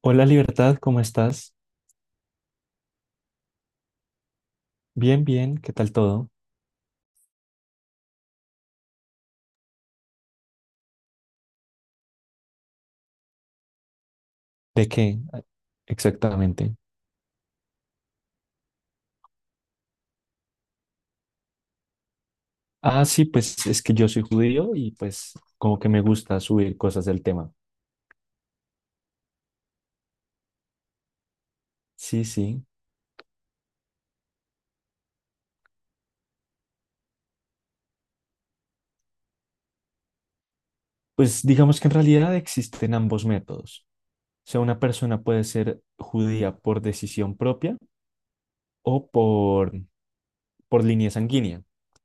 Hola Libertad, ¿cómo estás? Bien, bien, ¿qué tal todo? ¿De qué exactamente? Ah, sí, pues es que yo soy judío y pues como que me gusta subir cosas del tema. Sí, sí. Pues digamos que en realidad existen ambos métodos. O sea, una persona puede ser judía por decisión propia o por línea sanguínea.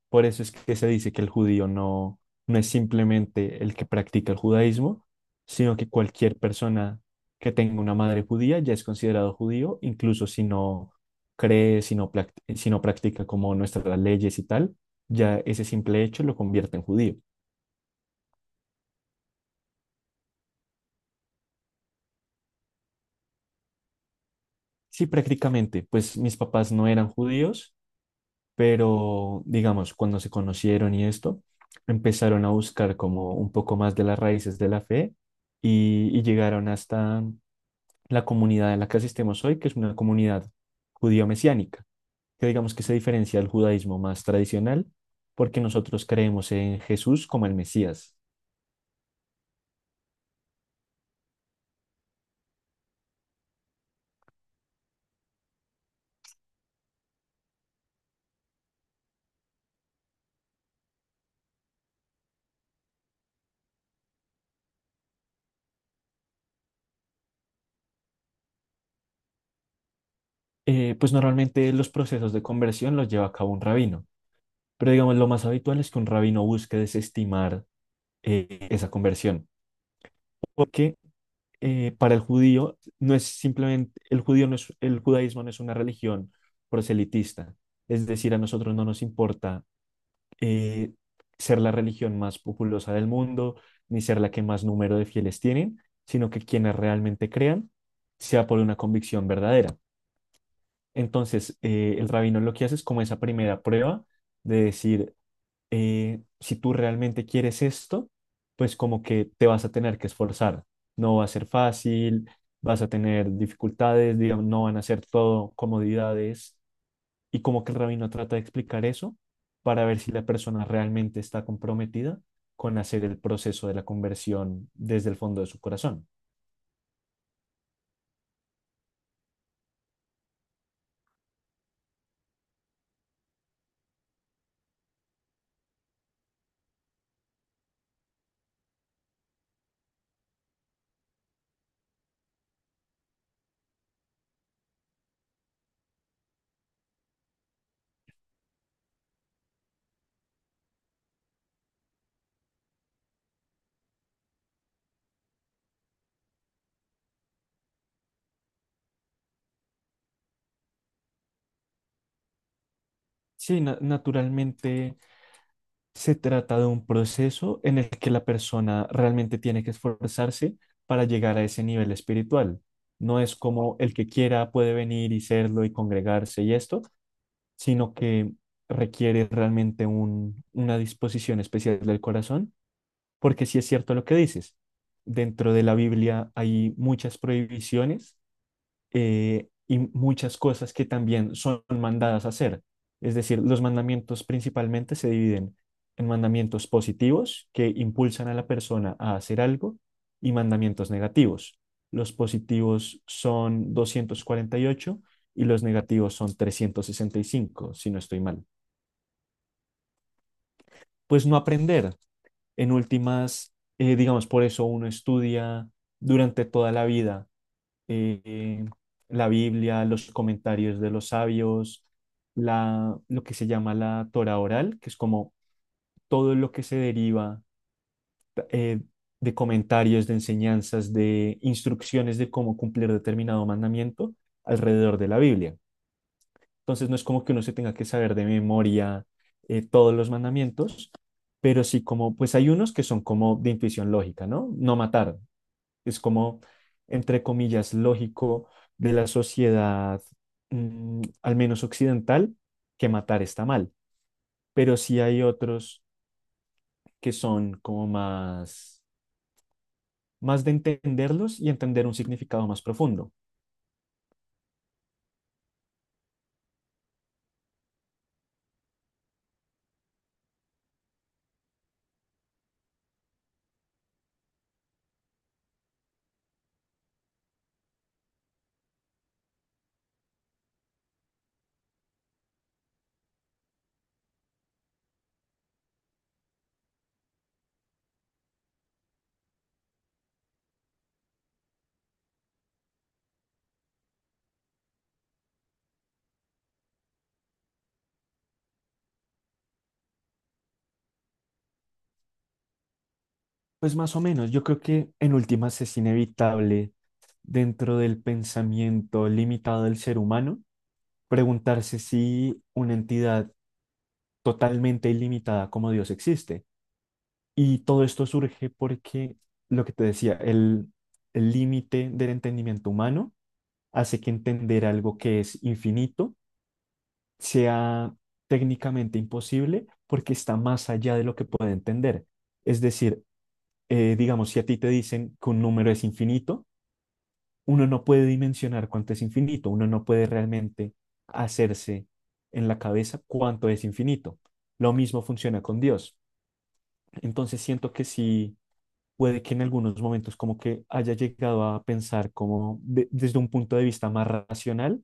Por eso es que se dice que el judío no, no es simplemente el que practica el judaísmo, sino que cualquier persona que tenga una madre judía ya es considerado judío, incluso si no cree, si no practica como nuestras leyes y tal, ya ese simple hecho lo convierte en judío. Sí, prácticamente, pues mis papás no eran judíos, pero digamos, cuando se conocieron y esto, empezaron a buscar como un poco más de las raíces de la fe y llegaron hasta la comunidad en la que asistimos hoy, que es una comunidad judío-mesiánica, que digamos que se diferencia del judaísmo más tradicional porque nosotros creemos en Jesús como el Mesías. Pues normalmente los procesos de conversión los lleva a cabo un rabino, pero digamos lo más habitual es que un rabino busque desestimar esa conversión, porque para el judío no es simplemente, el judaísmo no es una religión proselitista. Es decir, a nosotros no nos importa eh, ser la religión más populosa del mundo, ni ser la que más número de fieles tienen, sino que quienes realmente crean sea por una convicción verdadera. Entonces, el rabino lo que hace es como esa primera prueba de decir, si tú realmente quieres esto, pues como que te vas a tener que esforzar. No va a ser fácil, vas a tener dificultades, digamos, no van a ser todo comodidades. Y como que el rabino trata de explicar eso para ver si la persona realmente está comprometida con hacer el proceso de la conversión desde el fondo de su corazón. Sí, naturalmente. Se trata de un proceso en el que la persona realmente tiene que esforzarse para llegar a ese nivel espiritual. No es como el que quiera puede venir y serlo y congregarse y esto, sino que requiere realmente una disposición especial del corazón, porque sí es cierto lo que dices. Dentro de la Biblia hay muchas prohibiciones y muchas cosas que también son mandadas a hacer. Es decir, los mandamientos principalmente se dividen en mandamientos positivos que impulsan a la persona a hacer algo y mandamientos negativos. Los positivos son 248 y los negativos son 365 si no estoy mal. Pues no aprender. En últimas, digamos, por eso uno estudia durante toda la vida eh, la Biblia, los comentarios de los sabios, lo que se llama la Torah oral, que es como todo lo que se deriva eh, de comentarios, de enseñanzas, de instrucciones de cómo cumplir determinado mandamiento alrededor de la Biblia. Entonces no es como que uno se tenga que saber de memoria todos los mandamientos, pero sí como, pues hay unos que son como de intuición lógica, ¿no? No matar, es como, entre comillas, lógico de la sociedad, al menos occidental, que matar está mal. Pero sí hay otros que son como más de entenderlos y entender un significado más profundo. Pues más o menos, yo creo que en últimas es inevitable dentro del pensamiento limitado del ser humano preguntarse si una entidad totalmente ilimitada como Dios existe. Y todo esto surge porque, lo que te decía, el límite del entendimiento humano hace que entender algo que es infinito sea técnicamente imposible porque está más allá de lo que puede entender. Es decir, digamos, si a ti te dicen que un número es infinito, uno no puede dimensionar cuánto es infinito, uno no puede realmente hacerse en la cabeza cuánto es infinito. Lo mismo funciona con Dios. Entonces siento que sí, puede que en algunos momentos como que haya llegado a pensar como desde un punto de vista más racional,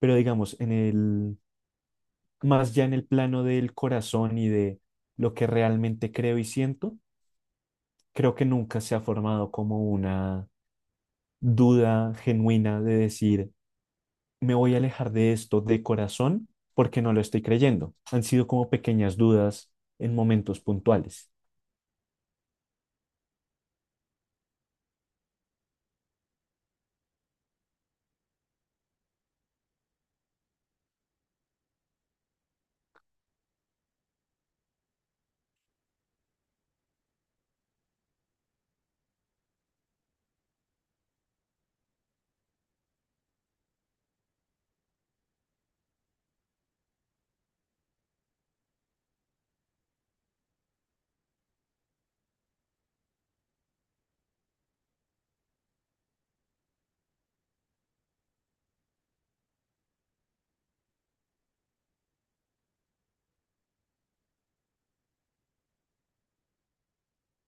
pero digamos, más ya en el plano del corazón y de lo que realmente creo y siento, creo que nunca se ha formado como una duda genuina de decir, me voy a alejar de esto de corazón porque no lo estoy creyendo. Han sido como pequeñas dudas en momentos puntuales.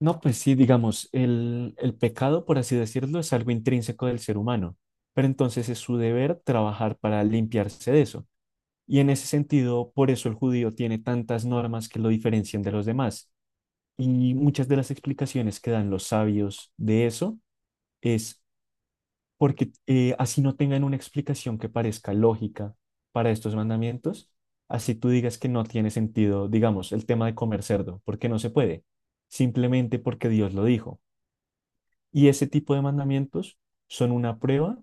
No, pues sí, digamos, el pecado, por así decirlo, es algo intrínseco del ser humano, pero entonces es su deber trabajar para limpiarse de eso. Y en ese sentido, por eso el judío tiene tantas normas que lo diferencian de los demás. Y muchas de las explicaciones que dan los sabios de eso es porque, así no tengan una explicación que parezca lógica para estos mandamientos, así tú digas que no tiene sentido, digamos, el tema de comer cerdo, porque no se puede, simplemente porque Dios lo dijo. Y ese tipo de mandamientos son una prueba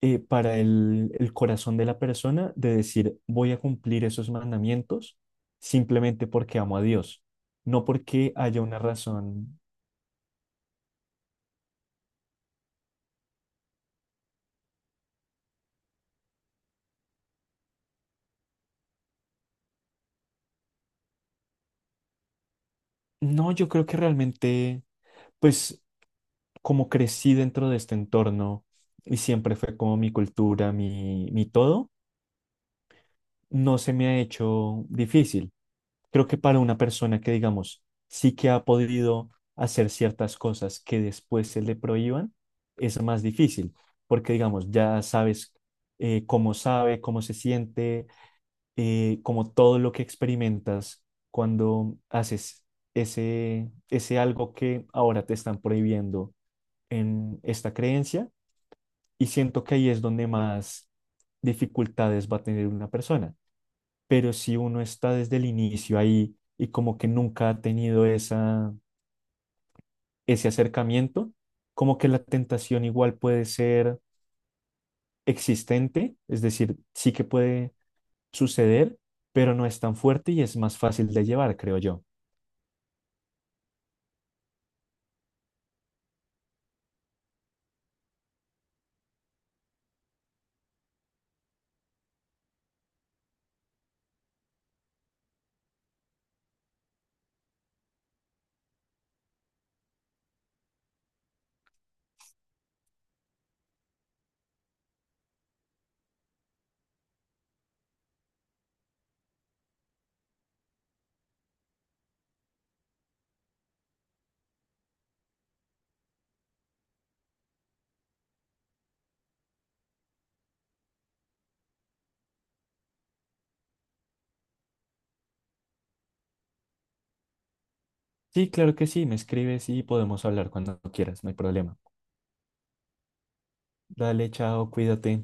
para el corazón de la persona de decir, voy a cumplir esos mandamientos simplemente porque amo a Dios, no porque haya una razón. No, yo creo que realmente, pues como crecí dentro de este entorno y siempre fue como mi cultura, mi todo, no se me ha hecho difícil. Creo que para una persona que, digamos, sí que ha podido hacer ciertas cosas que después se le prohíban, es más difícil, porque, digamos, ya sabes cómo se siente, como todo lo que experimentas cuando haces ese algo que ahora te están prohibiendo en esta creencia. Y siento que ahí es donde más dificultades va a tener una persona, pero si uno está desde el inicio ahí y como que nunca ha tenido esa, ese acercamiento, como que la tentación igual puede ser existente, es decir, sí que puede suceder, pero no es tan fuerte y es más fácil de llevar, creo yo. Sí, claro que sí, me escribes y podemos hablar cuando quieras, no hay problema. Dale, chao, cuídate.